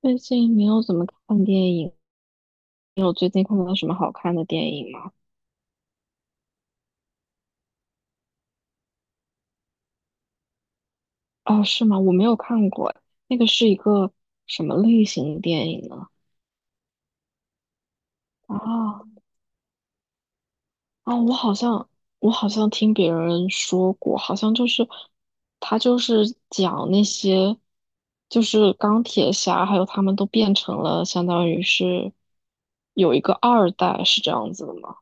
最近没有怎么看电影，你有最近看到什么好看的电影吗？哦，是吗？我没有看过，那个是一个什么类型的电影呢？啊我好像我好像听别人说过，好像就是他就是讲那些就是钢铁侠，还有他们都变成了相当于是有一个二代，是这样子的吗？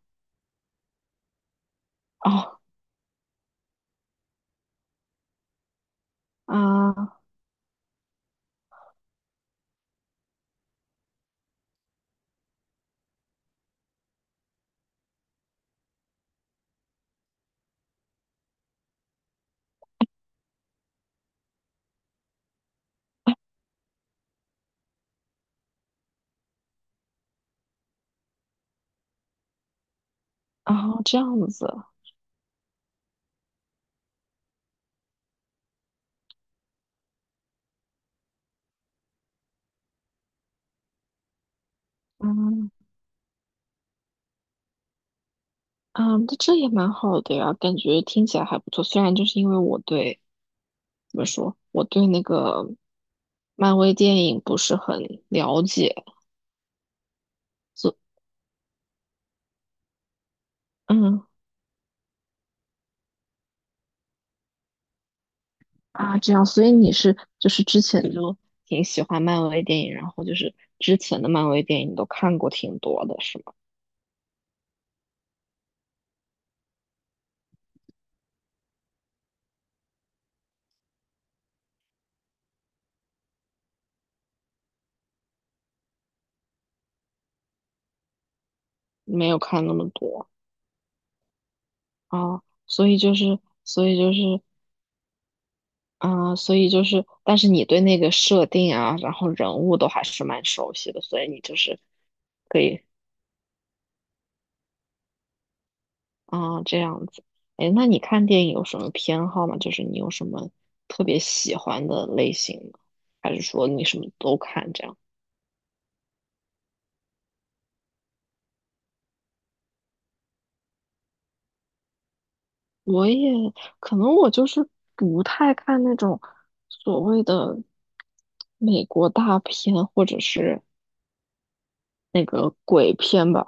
哦啊这样子。嗯嗯，这也蛮好的呀，感觉听起来还不错。虽然就是因为我对，怎么说，我对那个漫威电影不是很了解，所嗯啊这样，所以你是就是之前就挺喜欢漫威电影，然后就是之前的漫威电影你都看过挺多的，是吗？没有看那么多。啊，所以就是所以就是啊，所以就是，但是你对那个设定啊，然后人物都还是蛮熟悉的，所以你就是。可以。啊，这样子。哎，那你看电影有什么偏好吗？就是你有什么特别喜欢的类型吗？还是说你什么都看这样？我也可能我就是不太看那种所谓的美国大片或者是那个鬼片吧。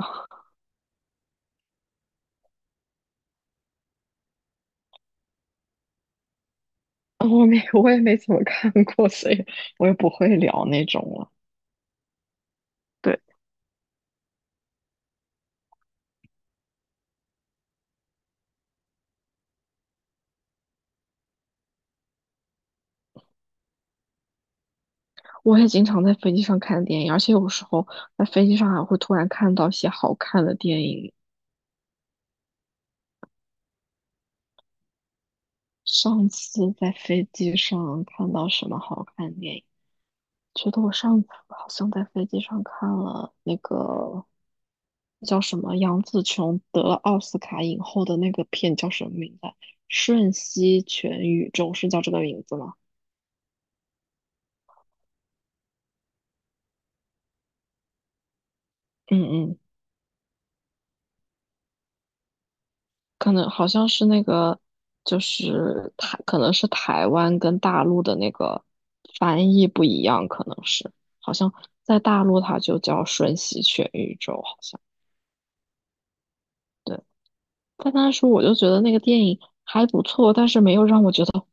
我没，我也没怎么看过，所以我也不会聊那种了。对，我也经常在飞机上看电影，而且有时候在飞机上还会突然看到一些好看的电影。上次在飞机上看到什么好看的电影？觉得我上次好像在飞机上看了那个叫什么杨紫琼得了奥斯卡影后的那个片叫什么名字啊，瞬息全宇宙是叫这个名字吗？嗯嗯，可能好像是那个，就是台，可能是台湾跟大陆的那个翻译不一样，可能是好像在大陆它就叫瞬息全宇宙，好像。但当时我就觉得那个电影还不错，但是没有让我觉得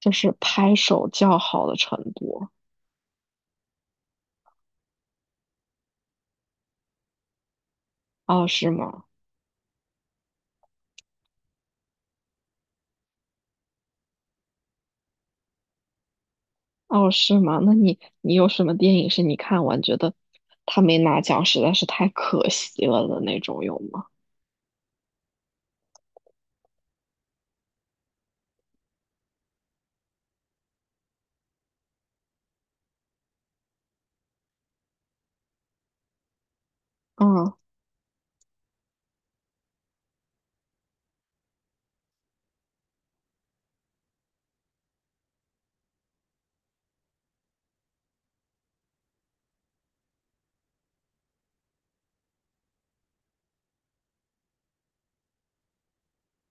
就是拍手叫好的程度。哦，是吗？哦，是吗？那你有什么电影是你看完觉得他没拿奖实在是太可惜了的那种有吗？嗯，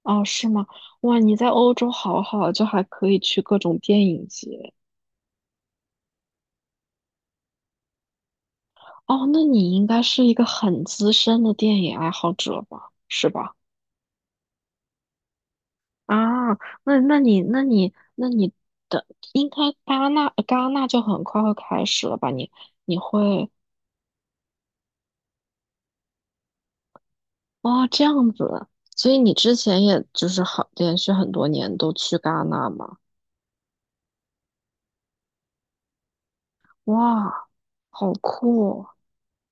哦，是吗？哇，你在欧洲好好，就还可以去各种电影节。哦，那你应该是一个很资深的电影爱好者吧？是吧？啊，那你的应该戛纳就很快会开始了吧？你你会这样子，所以你之前也就是好连续很多年都去戛纳嘛？哇，好酷哦。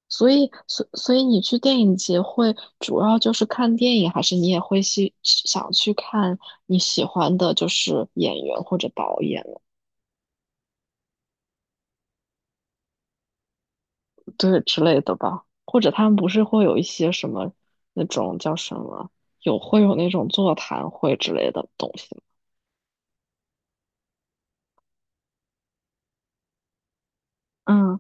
所以你去电影节会主要就是看电影，还是你也会去想去看你喜欢的就是演员或者导演？对之类的吧，或者他们不是会有一些什么那种叫什么，有会有那种座谈会之类的东西吗。嗯，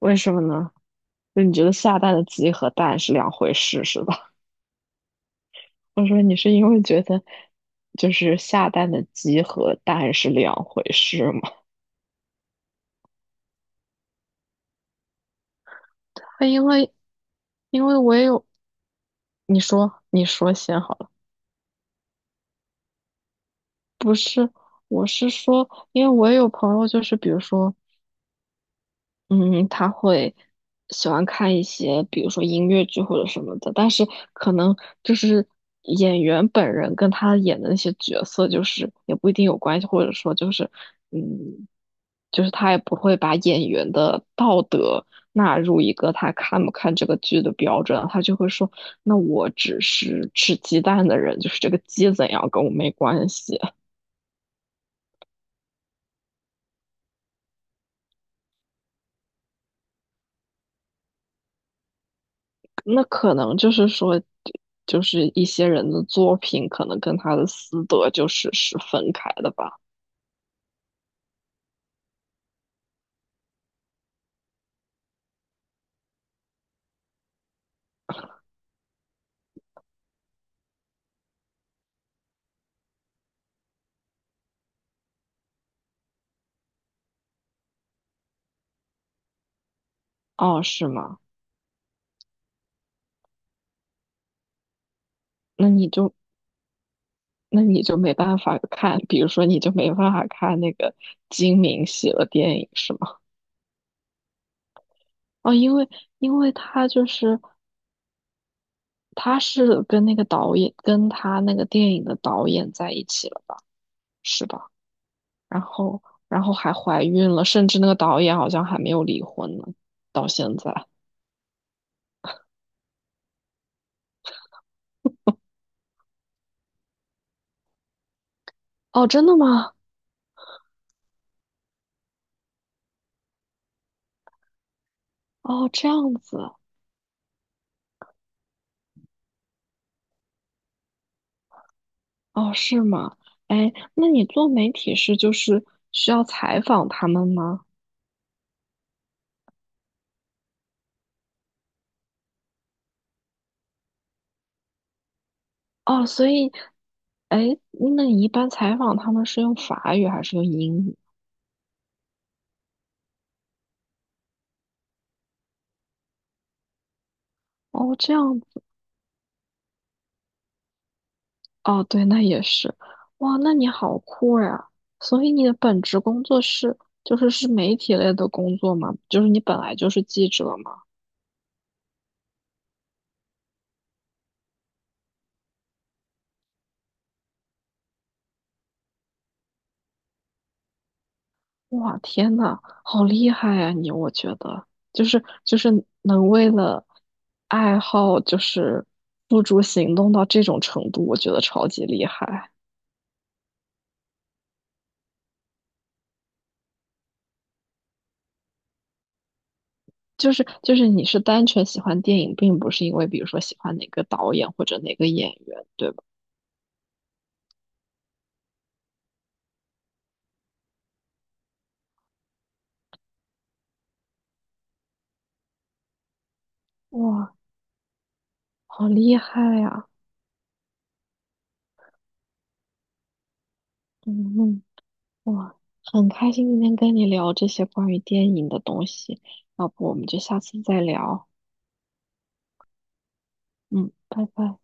为什么呢？就你觉得下蛋的鸡和蛋是两回事是吧？我说你是因为觉得就是下蛋的鸡和蛋是两回事吗？因为因为我也有，你说你说先好了，不是，我是说，因为我也有朋友，就是比如说嗯，他会喜欢看一些，比如说音乐剧或者什么的，但是可能就是演员本人跟他演的那些角色，就是也不一定有关系，或者说就是，嗯，就是他也不会把演员的道德纳入一个他看不看这个剧的标准，他就会说，那我只是吃鸡蛋的人，就是这个鸡怎样跟我没关系。那可能就是说，就是一些人的作品可能跟他的私德就是是分开的吧？哦，是吗？那你就那你就没办法看，比如说你就没办法看那个金敏喜的电影是吗？哦，因为因为他就是他是跟那个导演跟他那个电影的导演在一起了，是吧？然后然后还怀孕了，甚至那个导演好像还没有离婚呢，到现在。哦，真的吗？哦，这样子，哦，是吗？哎，那你做媒体是就是需要采访他们吗？哦，所以，哎，那你一般采访他们是用法语还是用英语？哦，这样，哦，对，那也是，哇，那你好酷呀！所以你的本职工作是就是是媒体类的工作吗？就是你本来就是记者吗？哇，天呐，好厉害呀、你，我觉得就是能为了爱好就是付诸行动到这种程度，我觉得超级厉害。就是你是单纯喜欢电影，并不是因为比如说喜欢哪个导演或者哪个演员，对吧？哇，好厉害呀、嗯嗯，哇，很开心今天跟你聊这些关于电影的东西，要不我们就下次再聊。嗯，拜拜。